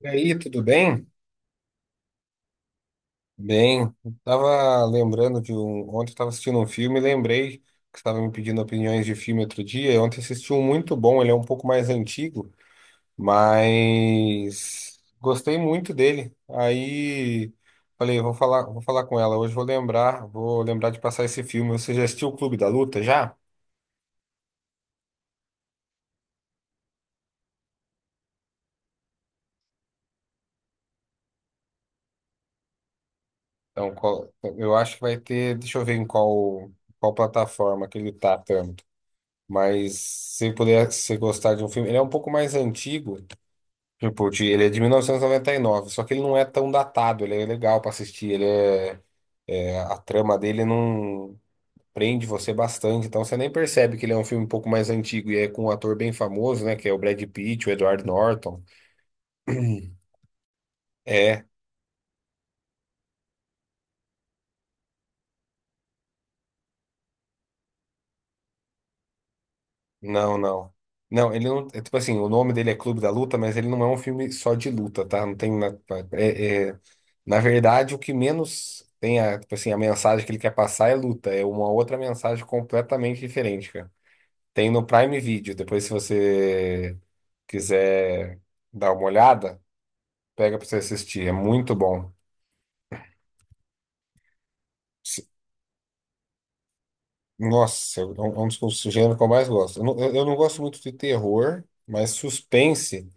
E aí, tudo bem? Bem, eu tava lembrando de um. Ontem eu tava assistindo um filme e lembrei que você estava me pedindo opiniões de filme outro dia. E ontem assisti um muito bom, ele é um pouco mais antigo, mas gostei muito dele. Aí falei, vou falar com ela hoje, vou lembrar de passar esse filme. Você já assistiu o Clube da Luta já? Então, eu acho que vai ter, deixa eu ver em qual, qual plataforma que ele tá. Mas se puder se gostar de um filme, ele é um pouco mais antigo, tipo, ele é de 1999, só que ele não é tão datado, ele é legal pra assistir, a trama dele não prende você bastante, então você nem percebe que ele é um filme um pouco mais antigo e é com um ator bem famoso, né, que é o Brad Pitt, o Edward Norton. É, não, não. Não, ele não. É, tipo assim, o nome dele é Clube da Luta, mas ele não é um filme só de luta, tá? Não tem. Na- É, é, Na verdade, o que menos tem a, tipo assim, a mensagem que ele quer passar é luta, é uma outra mensagem completamente diferente, cara. Tem no Prime Video, depois se você quiser dar uma olhada, pega pra você assistir, é muito bom. Se- Nossa, é um dos gêneros que eu mais gosto. Eu não gosto muito de terror, mas suspense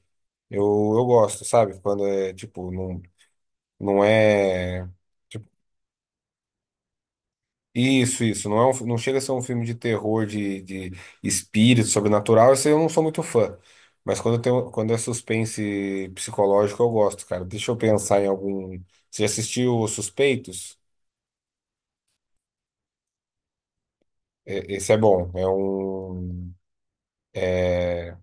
eu, eu gosto, sabe? Quando é, tipo, não, não é. Tipo, isso, isso. Não chega a ser um filme de terror, de espírito, sobrenatural. Esse eu não sou muito fã. Mas quando é suspense psicológico, eu gosto, cara. Deixa eu pensar em algum. Você já assistiu Os Suspeitos? Esse é bom. É-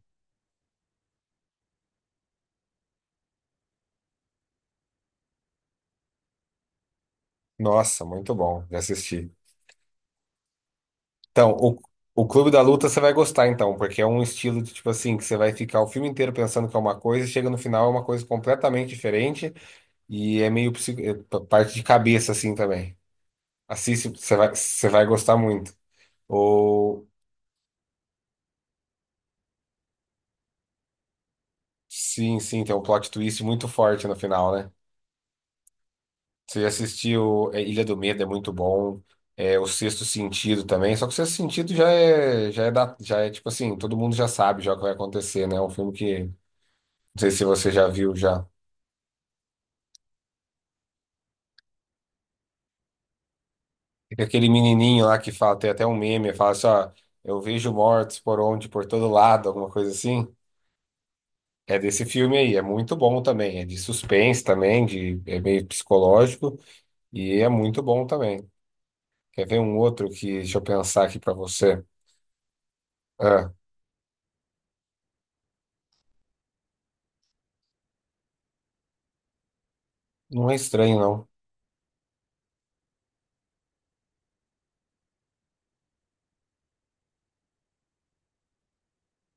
Nossa, muito bom. Já assisti. Então, o Clube da Luta você vai gostar, então, porque é um estilo de tipo assim, que você vai ficar o filme inteiro pensando que é uma coisa, e chega no final é uma coisa completamente diferente. E é meio parte de cabeça, assim, também. Assiste, você vai gostar muito. Ou, sim, sim, tem um plot twist muito forte no final, né? Você já assistiu é, Ilha do Medo, é muito bom. É, o Sexto Sentido também. Só que o Sexto Sentido já é tipo assim, todo mundo já sabe já o que vai acontecer, né? É um filme que, não sei se você já viu já. Tem aquele menininho lá que fala, tem até um meme, fala assim, ó, eu vejo mortos por onde, por todo lado, alguma coisa assim. É desse filme aí, é muito bom também. É de suspense também, de, é meio psicológico. E é muito bom também. Quer ver um outro que, deixa eu pensar aqui pra você. Ah, não é estranho, não.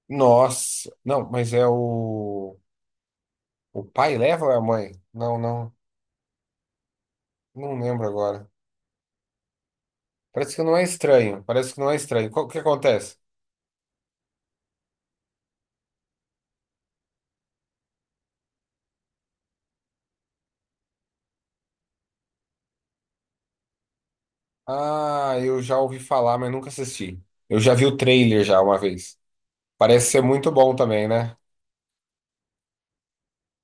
Nossa, não, mas é o. O pai leva ou é a mãe? Não, não, não lembro agora. Parece que não é estranho, parece que não é estranho. O que acontece? Ah, eu já ouvi falar, mas nunca assisti. Eu já vi o trailer já uma vez. Parece ser muito bom também, né?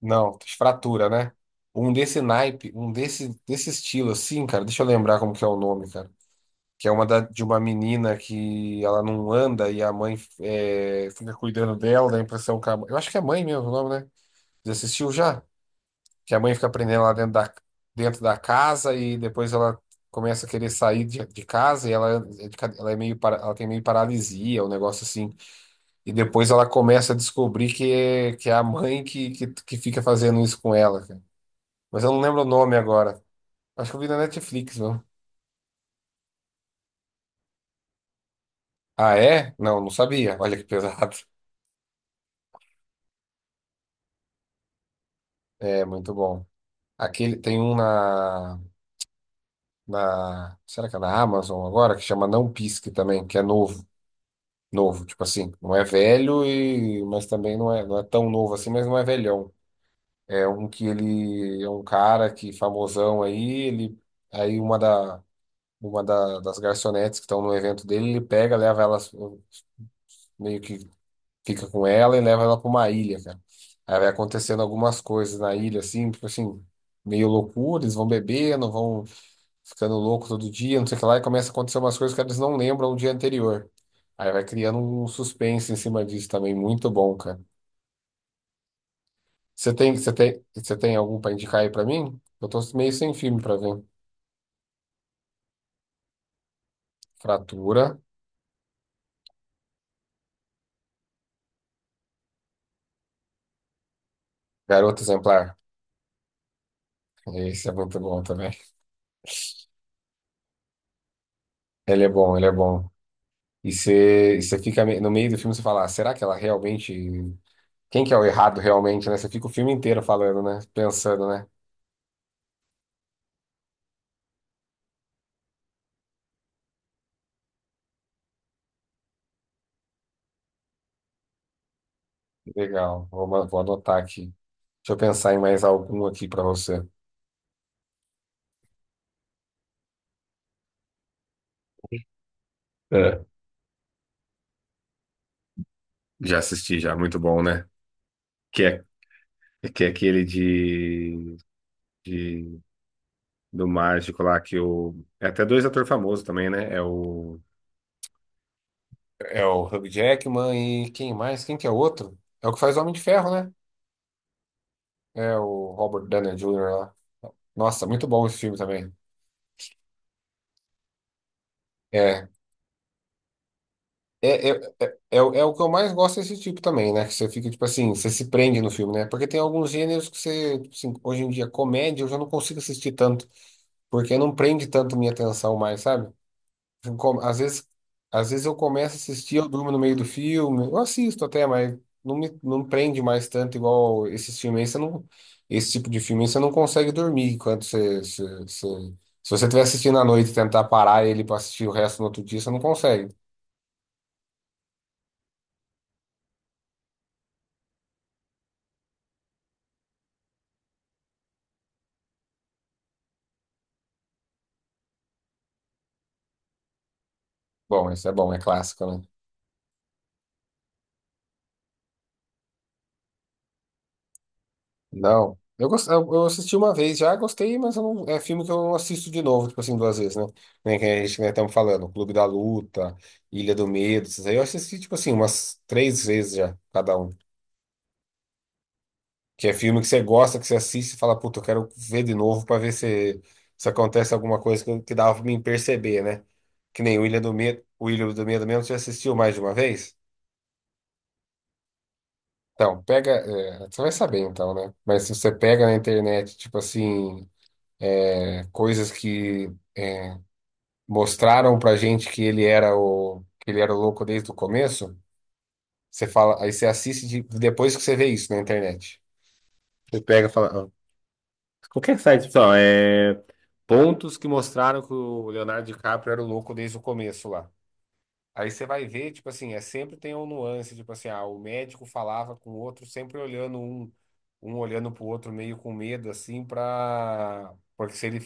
Não, fratura, né? Um desse naipe, desse estilo assim, cara. Deixa eu lembrar como que é o nome, cara. Que é uma de uma menina que ela não anda e a mãe é, fica cuidando dela, dá a impressão que a, eu acho que é mãe mesmo o nome, né? Você assistiu já? Que a mãe fica prendendo ela dentro dentro da casa e depois ela começa a querer sair de casa e ela, é ela é meio, ela tem meio paralisia, um negócio assim. E depois ela começa a descobrir que é a mãe que fica fazendo isso com ela, cara. Mas eu não lembro o nome agora. Acho que eu vi na Netflix, não? Ah, é? Não, não sabia. Olha que pesado. É, muito bom. Aquele, tem um na, na. Será que é na Amazon agora? Que chama Não Pisque também, que é novo. Novo, tipo assim. Não é velho, e, mas também não é, não é tão novo assim, mas não é velhão. É um que ele. É um cara que famosão aí, ele. Aí uma da. Uma das garçonetes que estão no evento dele, ele pega, leva elas meio que fica com ela e leva ela pra uma ilha, cara. Aí vai acontecendo algumas coisas na ilha, assim, tipo assim, meio loucura, eles vão bebendo, vão ficando louco todo dia, não sei o que lá, e começa a acontecer umas coisas que eles não lembram do dia anterior. Aí vai criando um suspense em cima disso também, muito bom, cara. Você tem algum pra indicar aí pra mim? Eu tô meio sem filme pra ver. Fratura, Garota Exemplar. Esse é muito bom também. Ele é bom. E você fica no meio do filme, você fala, "Ah, será que ela realmente quem que é o errado realmente, né? Você fica o filme inteiro falando, né? Pensando, né? Legal, vou anotar aqui. Deixa eu pensar em mais algum aqui pra você. É, já assisti, já, muito bom, né? Que é, que é aquele de- do mágico lá, que o. É até dois atores famosos também, né? É o. É o Hugh Jackman e quem mais? Quem que é o outro? É o que faz Homem de Ferro, né? É o Robert Downey Jr. lá. Nossa, muito bom esse filme também. É. É, é, é o que eu mais gosto desse tipo também, né? Que você fica, tipo assim, você se prende no filme, né? Porque tem alguns gêneros que você, tipo assim, hoje em dia, comédia, eu já não consigo assistir tanto, porque não prende tanto minha atenção mais, sabe? Eu com- Às vezes, às vezes eu começo a assistir, eu durmo no meio do filme, eu assisto até, mas não me, não prende mais tanto igual esses filmes aí, você não, esse tipo de filme aí, você não consegue dormir quando você- se você estiver assistindo à noite e tentar parar ele pra assistir o resto no outro dia, você não consegue. Bom, esse é bom, é clássico, né? Não. Eu eu assisti uma vez já, gostei, mas eu é filme que eu não assisto de novo, tipo assim, duas vezes, né? Nem que a gente né, estamos falando, Clube da Luta, Ilha do Medo, esses aí eu assisti, tipo assim, umas 3 vezes já, cada um. Que é filme que você gosta, que você assiste e fala, puta, eu quero ver de novo pra ver se acontece alguma coisa que dava pra mim perceber, né? Que nem o Ilha do Medo, o Ilha do Medo mesmo, você assistiu mais de uma vez? Então, pega, é, você vai saber então, né? Mas se você pega na internet, tipo assim, é, coisas que mostraram pra gente que ele era o que ele era o louco desde o começo, você fala, aí você assiste depois que você vê isso na internet. Você pega e fala. Ó, qualquer site, pessoal é pontos que mostraram que o Leonardo DiCaprio era o louco desde o começo lá. Aí você vai ver, tipo assim, é sempre tem um nuance, tipo assim, ah, o médico falava com o outro, sempre olhando um olhando pro outro meio com medo, assim, pra... Porque se ele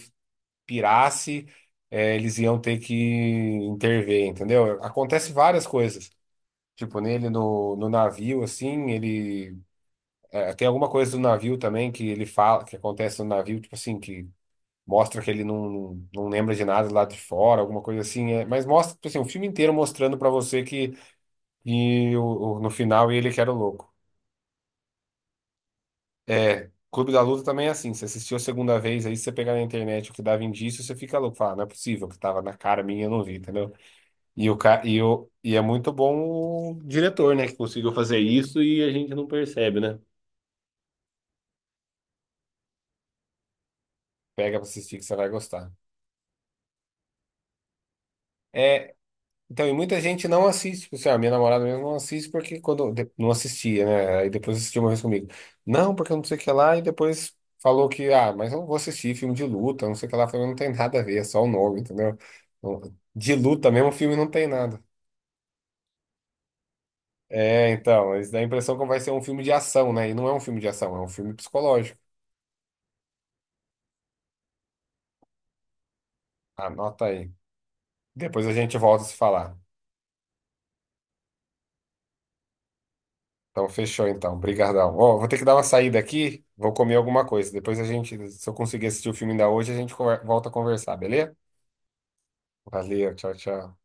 pirasse, eles iam ter que intervir, entendeu? Acontece várias coisas. Tipo, nele no navio, assim, ele. Tem alguma coisa do navio também que ele fala, que acontece no navio, tipo assim, que mostra que ele não lembra de nada lá de fora, alguma coisa assim. É, mas mostra, tipo assim, o filme inteiro mostrando pra você que e no final ele que era o louco. É. Clube da Luta também é assim. Você assistiu a segunda vez aí, se você pegar na internet o que dava indício, você fica louco. Fala, não é possível, que tava na cara minha, eu não vi, entendeu? E, o, ca- e, o, e é muito bom o diretor, né? Que conseguiu fazer isso e a gente não percebe, né? Pega pra assistir que você vai gostar. É, então, e muita gente não assiste. Tipo assim, a minha namorada mesmo não assiste porque quando não assistia, né? Aí depois assistiu uma vez comigo. Não, porque não sei o que lá. E depois falou que, ah, mas eu não vou assistir filme de luta, não sei o que lá. Eu falei, não tem nada a ver, é só o nome, entendeu? Não- De luta mesmo, o filme não tem nada. É, então, isso dá a impressão que vai ser um filme de ação, né? E não é um filme de ação, é um filme psicológico. Anota aí. Depois a gente volta a se falar. Então, fechou então. Brigadão. Ó, vou ter que dar uma saída aqui, vou comer alguma coisa. Depois a gente, se eu conseguir assistir o filme ainda hoje, a gente volta a conversar, beleza? Valeu, tchau, tchau.